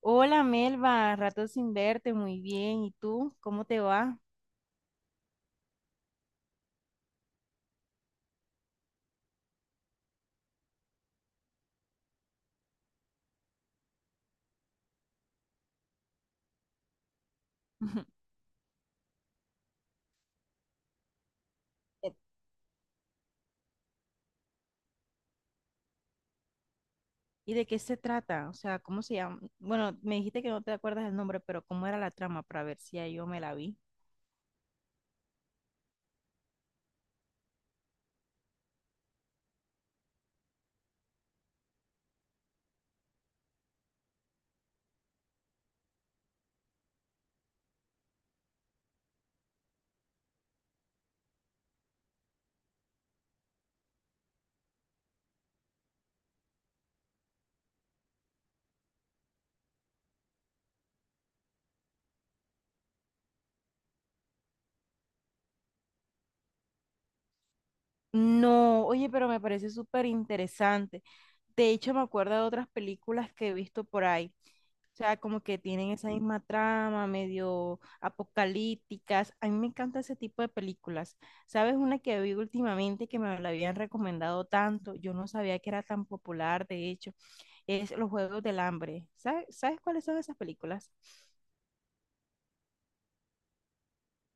Hola Melba, rato sin verte, muy bien. ¿Y tú? ¿Cómo te va? ¿Y de qué se trata? O sea, ¿cómo se llama? Bueno, me dijiste que no te acuerdas el nombre, pero ¿cómo era la trama para ver si ya yo me la vi? No, oye, pero me parece súper interesante. De hecho, me acuerdo de otras películas que he visto por ahí. O sea, como que tienen esa misma trama, medio apocalípticas. A mí me encanta ese tipo de películas. ¿Sabes una que vi últimamente que me la habían recomendado tanto? Yo no sabía que era tan popular, de hecho, es Los Juegos del Hambre. ¿Sabes cuáles son esas películas?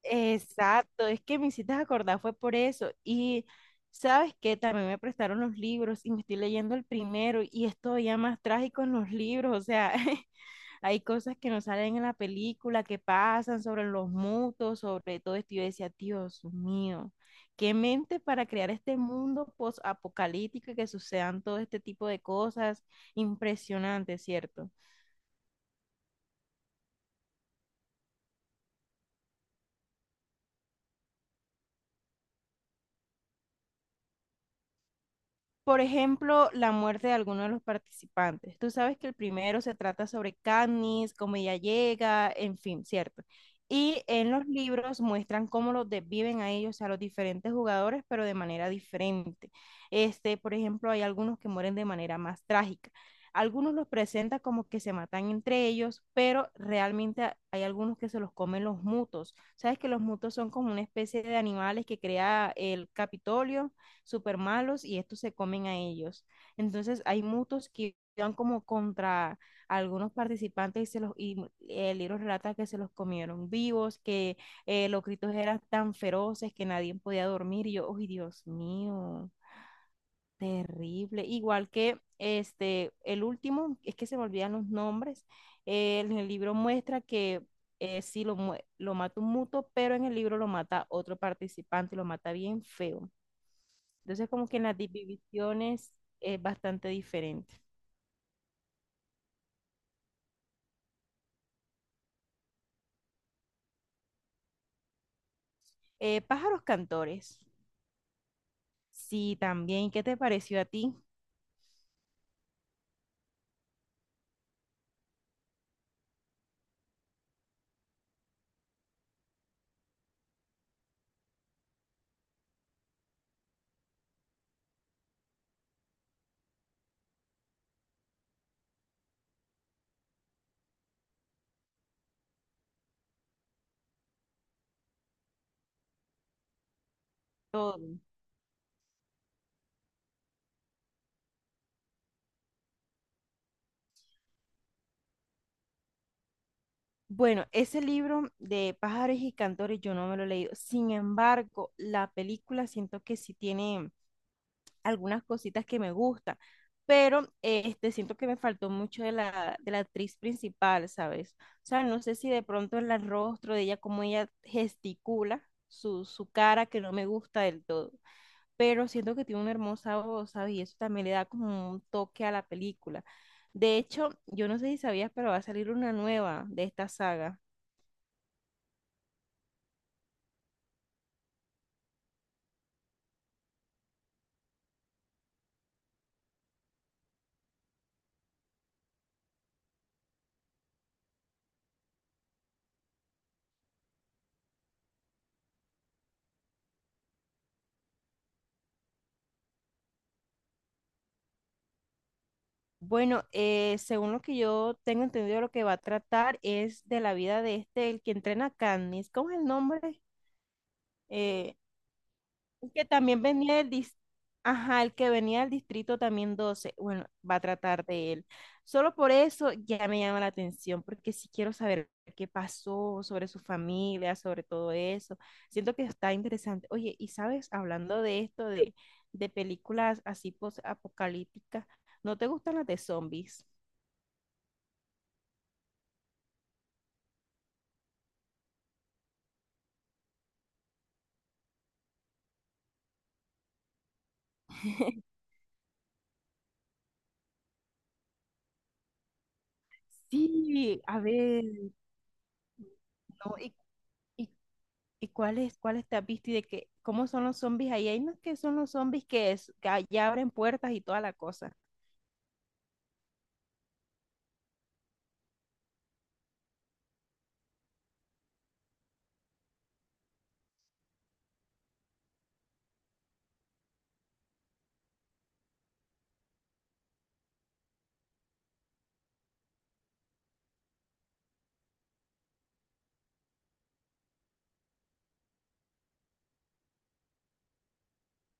Exacto, es que me hiciste acordar, fue por eso. Y sabes que también me prestaron los libros y me estoy leyendo el primero y es todavía más trágico en los libros, o sea, Hay cosas que no salen en la película, que pasan sobre los mutos, sobre todo esto. Y yo decía, Dios mío, qué mente para crear este mundo post-apocalíptico y que sucedan todo este tipo de cosas. Impresionante, ¿cierto? Por ejemplo, la muerte de alguno de los participantes. Tú sabes que el primero se trata sobre Katniss, cómo ella llega, en fin, ¿cierto? Y en los libros muestran cómo los desviven a ellos, a los diferentes jugadores, pero de manera diferente. Este, por ejemplo, hay algunos que mueren de manera más trágica. Algunos los presentan como que se matan entre ellos, pero realmente hay algunos que se los comen los mutos. Sabes que los mutos son como una especie de animales que crea el Capitolio súper malos y estos se comen a ellos. Entonces hay mutos que van como contra algunos participantes y se los y el libro relata que se los comieron vivos, que los gritos eran tan feroces que nadie podía dormir y yo, ¡ay, Dios mío! Terrible. Igual que este, el último, es que se me olvidan los nombres, en el libro muestra que sí lo, lo mata un muto, pero en el libro lo mata otro participante y lo mata bien feo. Entonces, como que en las divisiones es bastante diferente. Pájaros cantores. Sí, también. ¿Qué te pareció a ti? Todo. Bueno, ese libro de pájaros y cantores yo no me lo he leído. Sin embargo, la película siento que sí tiene algunas cositas que me gustan, pero este, siento que me faltó mucho de la actriz principal, ¿sabes? O sea, no sé si de pronto el rostro de ella, cómo ella gesticula su cara que no me gusta del todo. Pero siento que tiene una hermosa voz, ¿sabes? Y eso también le da como un toque a la película. De hecho, yo no sé si sabías, pero va a salir una nueva de esta saga. Bueno, según lo que yo tengo entendido, lo que va a tratar es de la vida de este, el que entrena a Katniss. ¿Cómo es el nombre? Eh, El que también venía ajá, el que venía del distrito también 12. Bueno, va a tratar de él. Solo por eso ya me llama la atención, porque si quiero saber qué pasó sobre su familia, sobre todo eso. Siento que está interesante. Oye, y sabes, hablando de esto, de películas así post-apocalípticas, ¿no te gustan las de zombies? Sí, a ver, no, y ¿y cuáles te has visto y de qué, cómo son los zombies ahí? Hay unos que son los zombies que ya abren puertas y toda la cosa,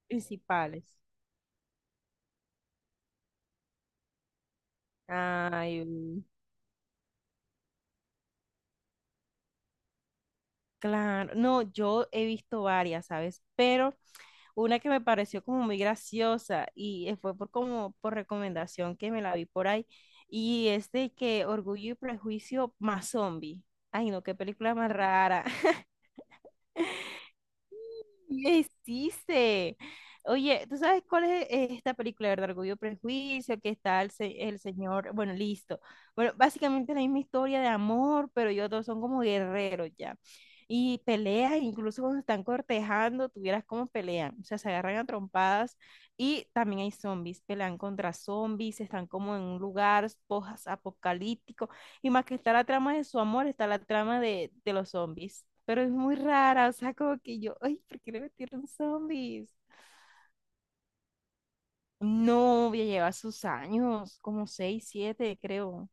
principales. Ay, mm, claro. No, yo he visto varias, ¿sabes? Pero una que me pareció como muy graciosa y fue por como por recomendación que me la vi por ahí. Y es de que Orgullo y Prejuicio más zombie. Ay, no, qué película más rara. ¿Qué hiciste? Oye, ¿tú sabes cuál es esta película, verdad? Orgullo y Prejuicio, que está el señor, bueno, listo. Bueno, básicamente es la misma historia de amor, pero ellos dos son como guerreros ya. Y peleas, incluso cuando están cortejando, tuvieras como pelean, o sea, se agarran a trompadas y también hay zombies, pelean contra zombies, están como en un lugar post y más que está la trama de su amor, está la trama de los zombies. Pero es muy rara, o sea, como que yo, ay, ¿por qué le metieron zombies? No, ya lleva sus años, como seis, siete, creo.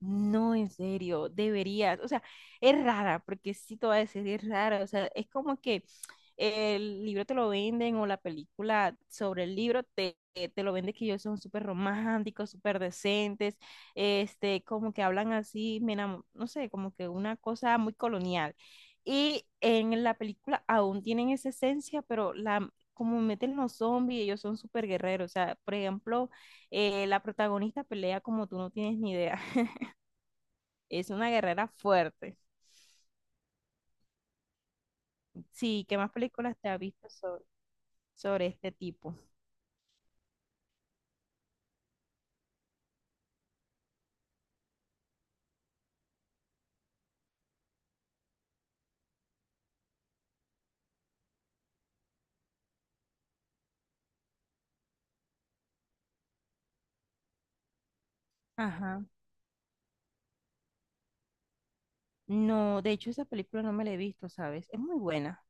No, en serio, deberías. O sea, es rara, porque sí te voy a decir, es rara. O sea, es como que el libro te lo venden o la película sobre el libro te lo venden que ellos son súper románticos, súper decentes, este, como que hablan así, no sé, como que una cosa muy colonial. Y en la película aún tienen esa esencia, pero la, como meten los zombies, ellos son súper guerreros. O sea, por ejemplo, la protagonista pelea como tú no tienes ni idea. Es una guerrera fuerte. Sí, ¿qué más películas te has visto sobre, sobre este tipo? Ajá. No, de hecho esa película no me la he visto, ¿sabes? Es muy buena.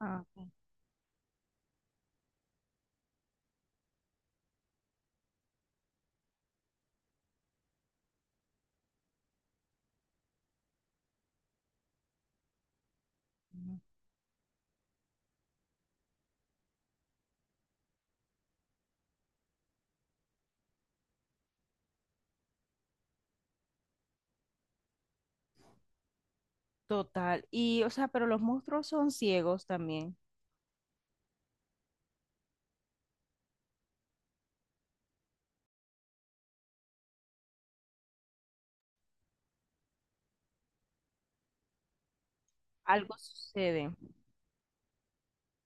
Ah, ok. Total. Y, o sea, pero los monstruos son ciegos también. Algo sucede.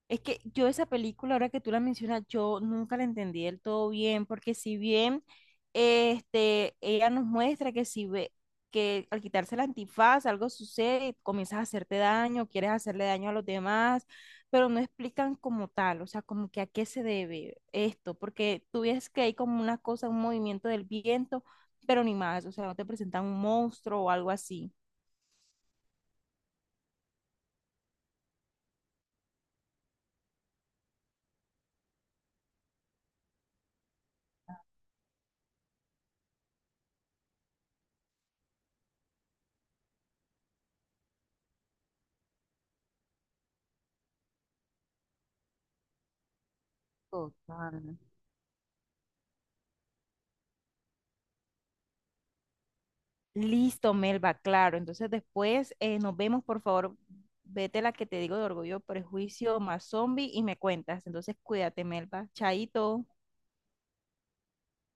Es que yo esa película, ahora que tú la mencionas, yo nunca la entendí del todo bien, porque si bien este, ella nos muestra que si ve que al quitarse el antifaz algo sucede, comienzas a hacerte daño, quieres hacerle daño a los demás, pero no explican como tal, o sea, como que a qué se debe esto, porque tú ves que hay como una cosa, un movimiento del viento, pero ni más, o sea, no te presentan un monstruo o algo así. Total. Listo, Melba, claro. Entonces después nos vemos, por favor. Vete la que te digo de orgullo, prejuicio, más zombie y me cuentas. Entonces cuídate, Melba. Chaito.